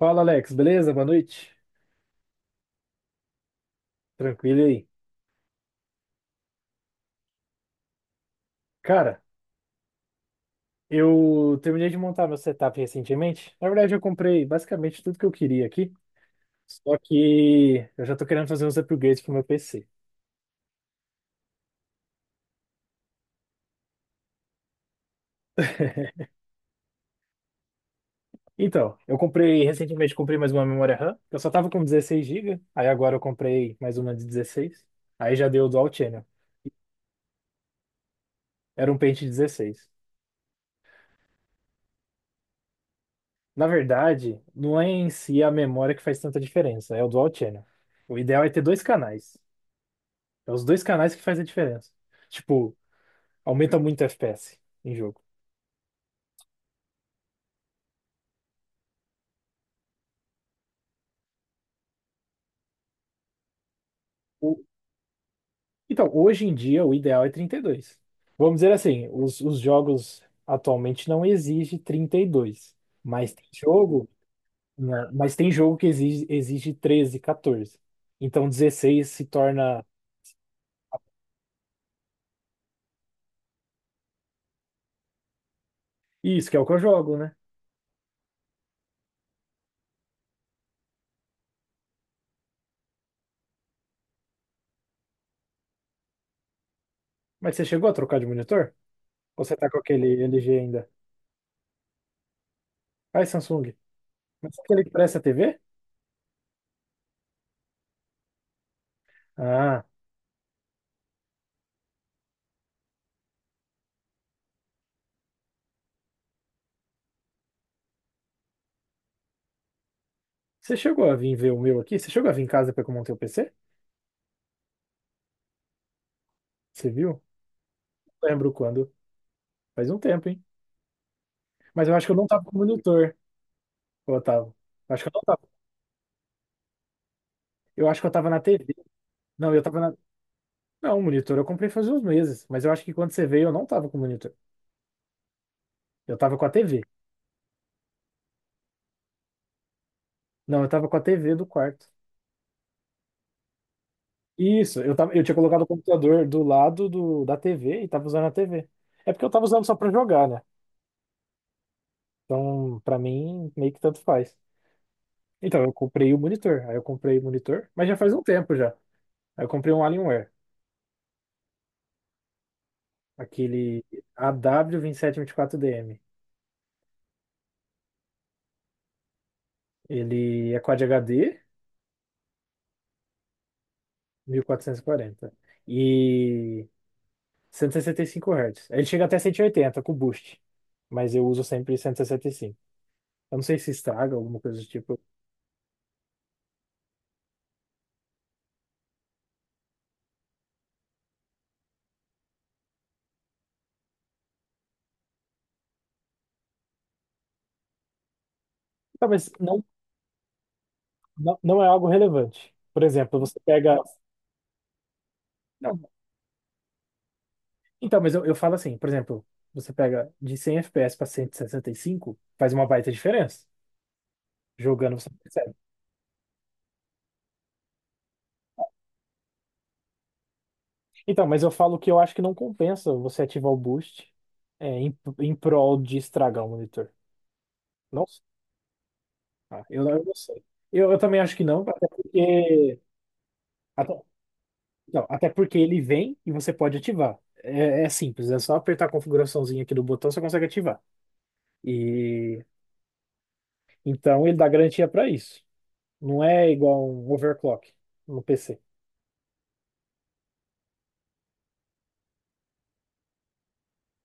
Fala, Alex, beleza? Boa noite. Tranquilo aí. Cara, eu terminei de montar meu setup recentemente. Na verdade, eu comprei basicamente tudo que eu queria aqui. Só que eu já tô querendo fazer uns upgrades pro meu PC. Então, eu comprei recentemente, comprei mais uma memória RAM. Eu só tava com 16 GB, aí agora eu comprei mais uma de 16. Aí já deu dual channel. Era um pente 16. Na verdade, não é em si a memória que faz tanta diferença, é o dual channel. O ideal é ter dois canais. É os dois canais que faz a diferença. Tipo, aumenta muito FPS em jogo. O- Então, hoje em dia, o ideal é 32. Vamos dizer assim, os jogos atualmente não exigem 32, mas tem jogo, né, mas tem jogo que exige 13, 14. Então, 16 se torna isso que é o que eu jogo, né? Mas você chegou a trocar de monitor? Ou você tá com aquele LG ainda? Ai, Samsung, mas é aquele que parece a TV? Ah, você chegou a vir ver o meu aqui? Você chegou a vir em casa para eu montei o PC? Você viu? Lembro quando. Faz um tempo, hein? Mas eu acho que eu não tava com monitor, ô, Otávio. Eu acho que eu não tava. Eu acho que eu tava na TV. Não, eu tava na. Não, monitor eu comprei faz uns meses. Mas eu acho que quando você veio eu não tava com monitor. Eu tava com a TV. Não, eu tava com a TV do quarto. Isso, eu tinha colocado o computador do lado da TV e tava usando a TV. É porque eu tava usando só pra jogar, né? Então, pra mim, meio que tanto faz. Então, eu comprei o monitor. Aí eu comprei o monitor, mas já faz um tempo já. Aí eu comprei um Alienware, aquele AW2724DM. Ele é Quad HD 1440 e 160 e cento cinco Hz. Ele chega até 180 com boost, mas eu uso sempre 165. Eu não sei se estraga alguma coisa do tipo. Tá, mas não é algo relevante. Por exemplo, você pega. Não. Então, mas eu falo assim, por exemplo, você pega de 100 FPS para cento e sessenta e cinco, faz uma baita diferença. Jogando você percebe. Então, mas eu falo que eu acho que não compensa você ativar o boost em prol de estragar o monitor. Não. Tá? Eu não sei. Eu também acho que não, até porque, até, não, até porque ele vem e você pode ativar. É, simples, é só apertar a configuraçãozinha aqui do botão, você consegue ativar. E então ele dá garantia para isso. Não é igual um overclock no PC.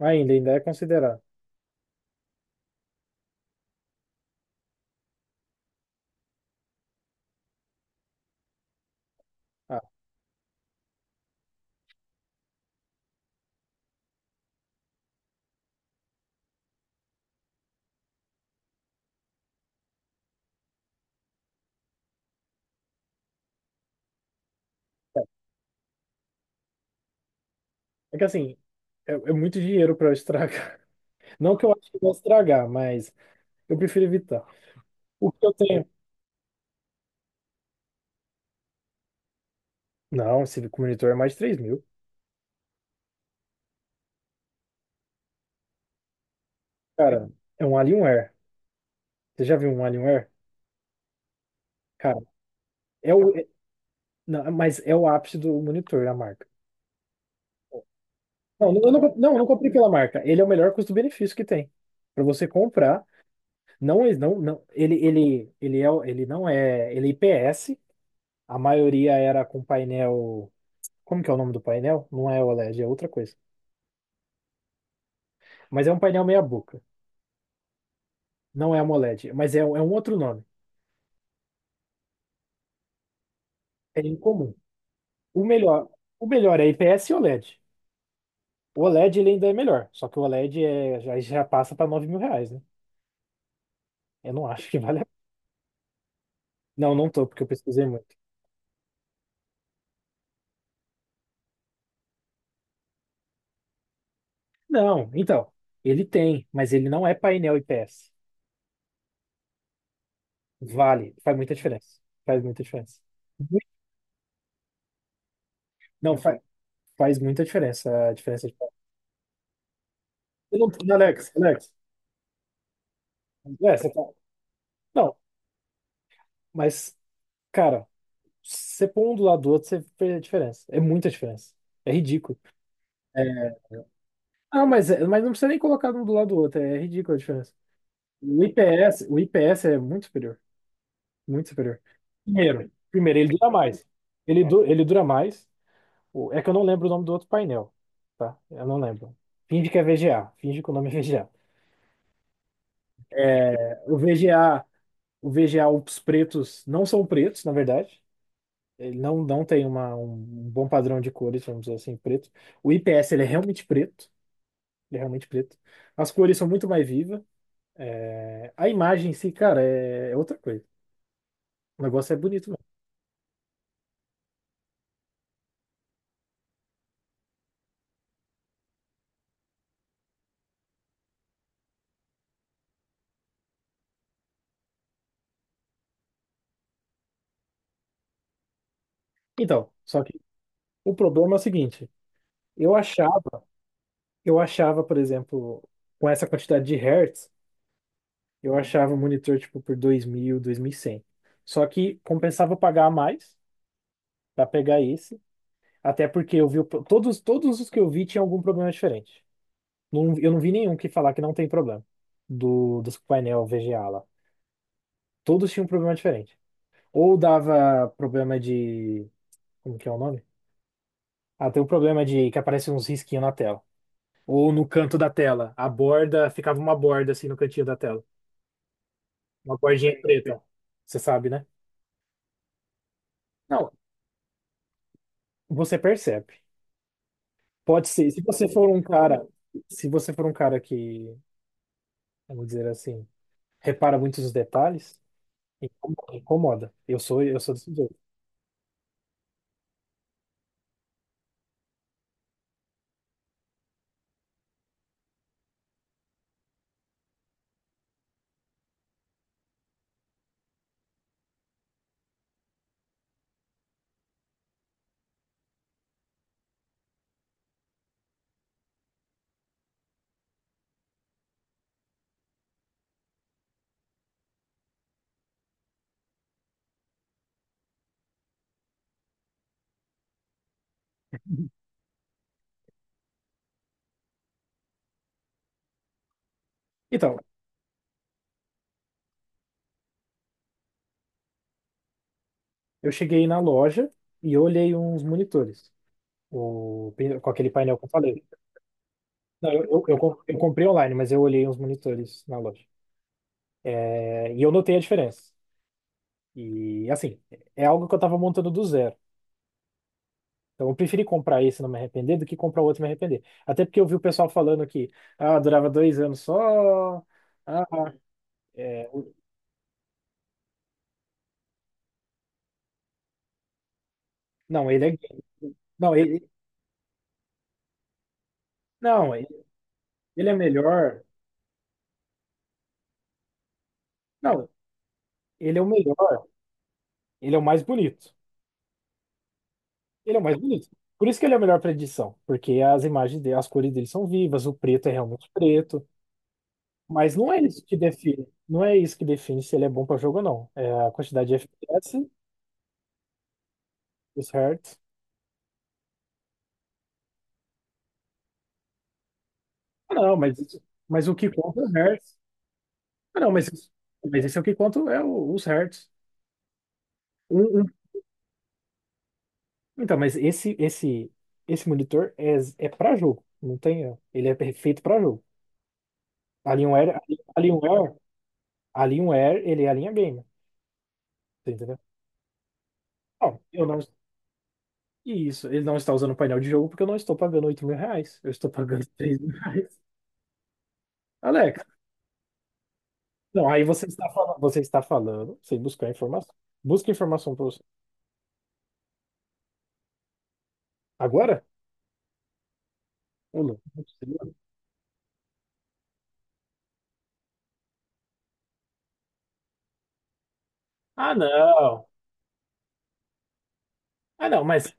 Ainda é considerado. Ah, é que assim, é muito dinheiro para eu estragar. Não que eu acho que vou estragar, mas eu prefiro evitar. O que eu tenho? Não, esse monitor é mais de 3.000. Cara, é um Alienware. Você já viu um Alienware? Cara, É o, é- não, mas é o ápice do monitor, a marca. Não, eu não comprei pela marca. Ele é o melhor custo-benefício que tem. Para você comprar, não, ele não é, ele é IPS. A maioria era com painel. Como que é o nome do painel? Não é OLED, é outra coisa. Mas é um painel meia boca. Não é AMOLED, mas é um outro nome. É incomum. O melhor, o melhor é IPS e OLED. O OLED ele ainda é melhor, só que o OLED já passa para R$ 9.000, né? Eu não acho que vale. Não, não tô, porque eu pesquisei muito. Não, então, ele tem, mas ele não é painel IPS. Vale, faz muita diferença. Faz muita diferença. Mu- Não, faz muita diferença a diferença de painel. Eu não, Alex, Alex. É, você tá- Não, mas, cara, você põe um do lado do outro, você vê a diferença. É muita diferença. É ridículo. É. Ah, mas, mas não precisa nem colocar um do lado do outro, é ridículo a diferença. O IPS é muito superior. Muito superior. Primeiro, ele dura mais. Ele dura mais. É que eu não lembro o nome do outro painel, tá? Eu não lembro. Finge que é VGA. Finge que o nome é VGA. O VGA, o VGA, os pretos não são pretos, na verdade. Ele não tem um bom padrão de cores, vamos dizer assim, preto. O IPS, ele é realmente preto. Ele é realmente preto. As cores são muito mais vivas. A imagem em si, cara, é outra coisa. O negócio é bonito mesmo. Então, só que o problema é o seguinte. Eu achava Eu achava, por exemplo, com essa quantidade de hertz, eu achava o monitor tipo por dois mil, 2.100. Só que compensava eu pagar a mais para pegar esse, até porque eu vi todos os que eu vi tinham algum problema diferente. Eu não vi nenhum que falar que não tem problema do dos painel VGA lá. Todos tinham um problema diferente. Ou dava problema de, como que é o nome? Ah, tem um problema de que aparece uns risquinhos na tela. Ou no canto da tela, a borda ficava uma borda assim no cantinho da tela. Uma bordinha preta. Você sabe, né? Não, você percebe. Pode ser. Se você for um cara, se você for um cara que, vamos dizer assim, repara muitos os detalhes, incomoda. Incomoda. Eu sou desse jeito. Então, eu cheguei na loja e olhei uns monitores. O, com aquele painel que eu falei. Não, eu comprei online, mas eu olhei uns monitores na loja. É, e eu notei a diferença. E assim, é algo que eu estava montando do zero. Então, eu preferi comprar esse e não me arrepender do que comprar outro e me arrepender. Até porque eu vi o pessoal falando que durava 2 anos só. Ah, é, o- não, ele é game. Não, ele, não, ele ele é melhor. Não, ele é o melhor. Ele é o mais bonito. Ele é o mais bonito. Por isso que ele é o melhor para edição. Porque as imagens dele, as cores dele são vivas, o preto é realmente preto. Mas não é isso que define. Não é isso que define se ele é bom para jogo ou não. É a quantidade de FPS, os hertz. Ah, não, mas o que conta é o hertz. Ah, não, mas esse é o que conto é os hertz. Um- um- Então, mas esse monitor é para jogo, não tem, ó. Ele é feito para jogo. Alienware, Alienware, Alienware, ele é a linha gamer, tá entendeu? Não, eu não, isso, ele não está usando o painel de jogo porque eu não estou pagando R$ 8.000, eu estou pagando R$ 3.000. Alex, não, aí você está falando, sem buscar informação. Busca informação para você. Agora? Ô, louco, não precisa. Ah, não. Ah, não, mas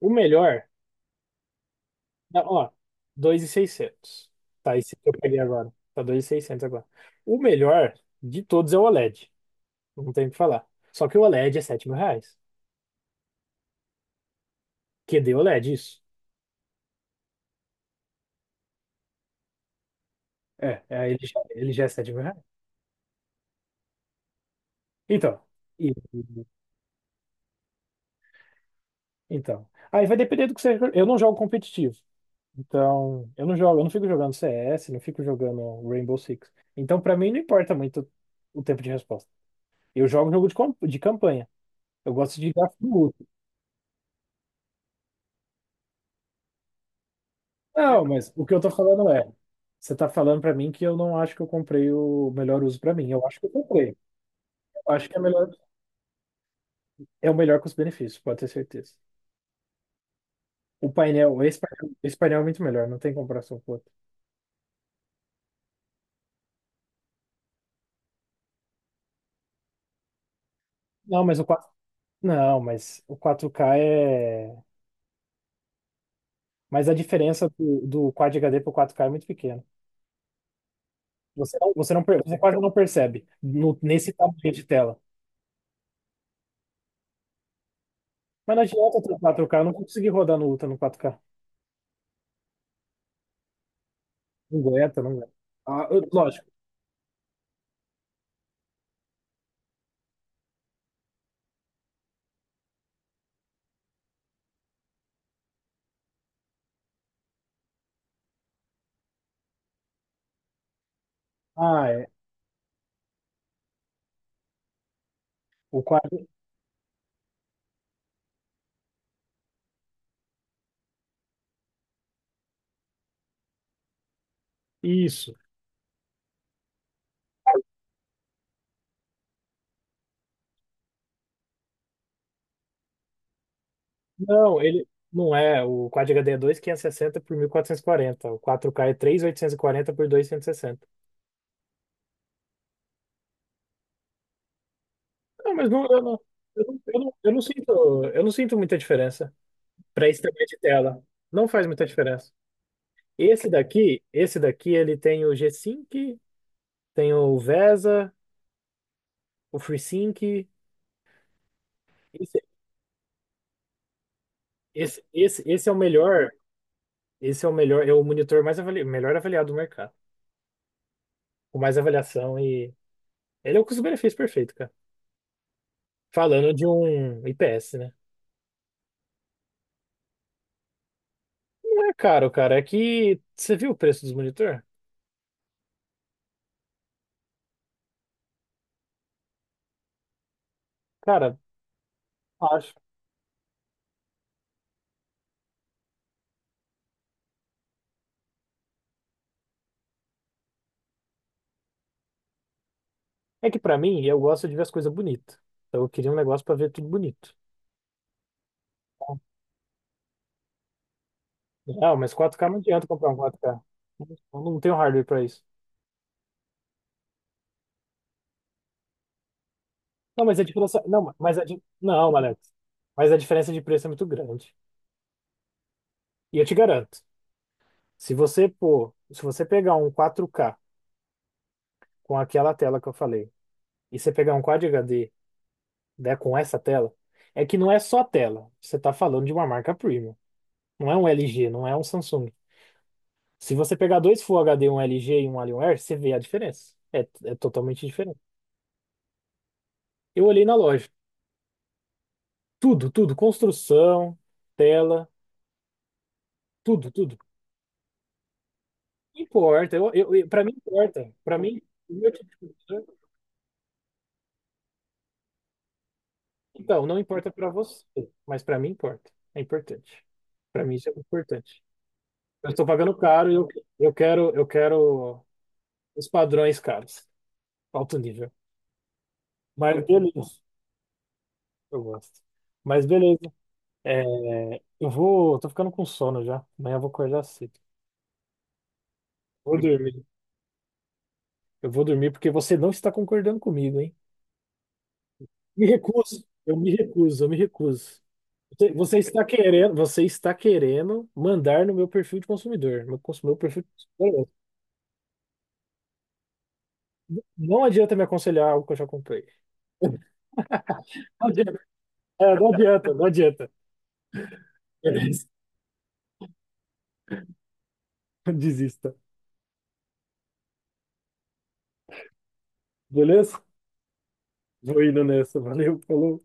o melhor. Não, ó, 2.600. Tá, esse que eu peguei agora. Tá 2.600 agora. O melhor de todos é o OLED. Não tem o que falar. Só que o OLED é R$ 7.000. QD OLED, isso. Ele já é R$ 7.000. Então, e- então. Aí vai depender do que você. Eu não jogo competitivo. Então, eu não fico jogando CS, não fico jogando Rainbow Six. Então, pra mim, não importa muito o tempo de resposta. Eu jogo jogo de campanha. Eu gosto de gráfico. Não, mas o que eu tô falando é, você tá falando pra mim que eu não acho que eu comprei o melhor uso pra mim. Eu acho que eu comprei. Eu acho que é melhor, é o melhor custo-benefício, pode ter certeza. O painel, esse painel é muito melhor, não tem comparação com o outro. Não, mas o quatro. Não, mas o 4 k é, mas a diferença do Quad HD pro quatro k é muito pequena. Você quase não percebe nesse tamanho de tela. Mas não adianta ter quatro k. Eu não consegui rodar no Ultra no quatro k. Não aguenta, não aguenta. Ah, lógico. Ah, é. O 4. Isso. Não, ele não é. O Quad HD é 2560 por 1440. O quatro k é 3.840 por 2.160. Não, mas não, eu não sinto muita diferença para esse tamanho de tela. Não faz muita diferença. Esse daqui, ele tem o G-Sync, tem o VESA, o FreeSync. Esse, esse é o melhor, é o monitor melhor avaliado do mercado, com mais avaliação e ele é o custo-benefício perfeito, cara. Falando de um IPS, né? Não é caro, cara. É que você viu o preço dos monitor? Cara, acho. É que pra mim, eu gosto de ver as coisas bonitas. Então eu queria um negócio pra ver tudo bonito. Não, mas quatro k não adianta comprar um quatro k. Eu não tenho hardware pra isso. Não, mas a diferença. Não, mas a, não, Alex. Mas a diferença de preço é muito grande. E eu te garanto, se você pegar um quatro k com aquela tela que eu falei, e você pegar um Quad HD né, com essa tela, é que não é só tela. Você está falando de uma marca premium. Não é um LG, não é um Samsung. Se você pegar dois Full HD, um LG e um Alienware, você vê a diferença. É, totalmente diferente. Eu olhei na loja. Tudo, tudo. Construção, tela, tudo, tudo. Não importa. Pra mim importa. Pra mim, o meu tipo de computador. Então, não importa pra você, mas pra mim importa. É importante. Pra mim isso é importante. Eu estou pagando caro e eu, eu quero os padrões caros. Alto nível. Mas beleza, eu gosto. Mas beleza. É, eu vou. Tô ficando com sono já. Amanhã eu vou acordar cedo. Vou dormir. Eu vou dormir porque você não está concordando comigo, hein? Me recuso. Eu me recuso, eu me recuso. Você está querendo, mandar no meu perfil de consumidor. Meu perfil de consumidor. Não adianta me aconselhar algo que eu já comprei. Não adianta, não adianta, não adianta. Beleza. Desista. Beleza? Vou indo nessa. Valeu, falou.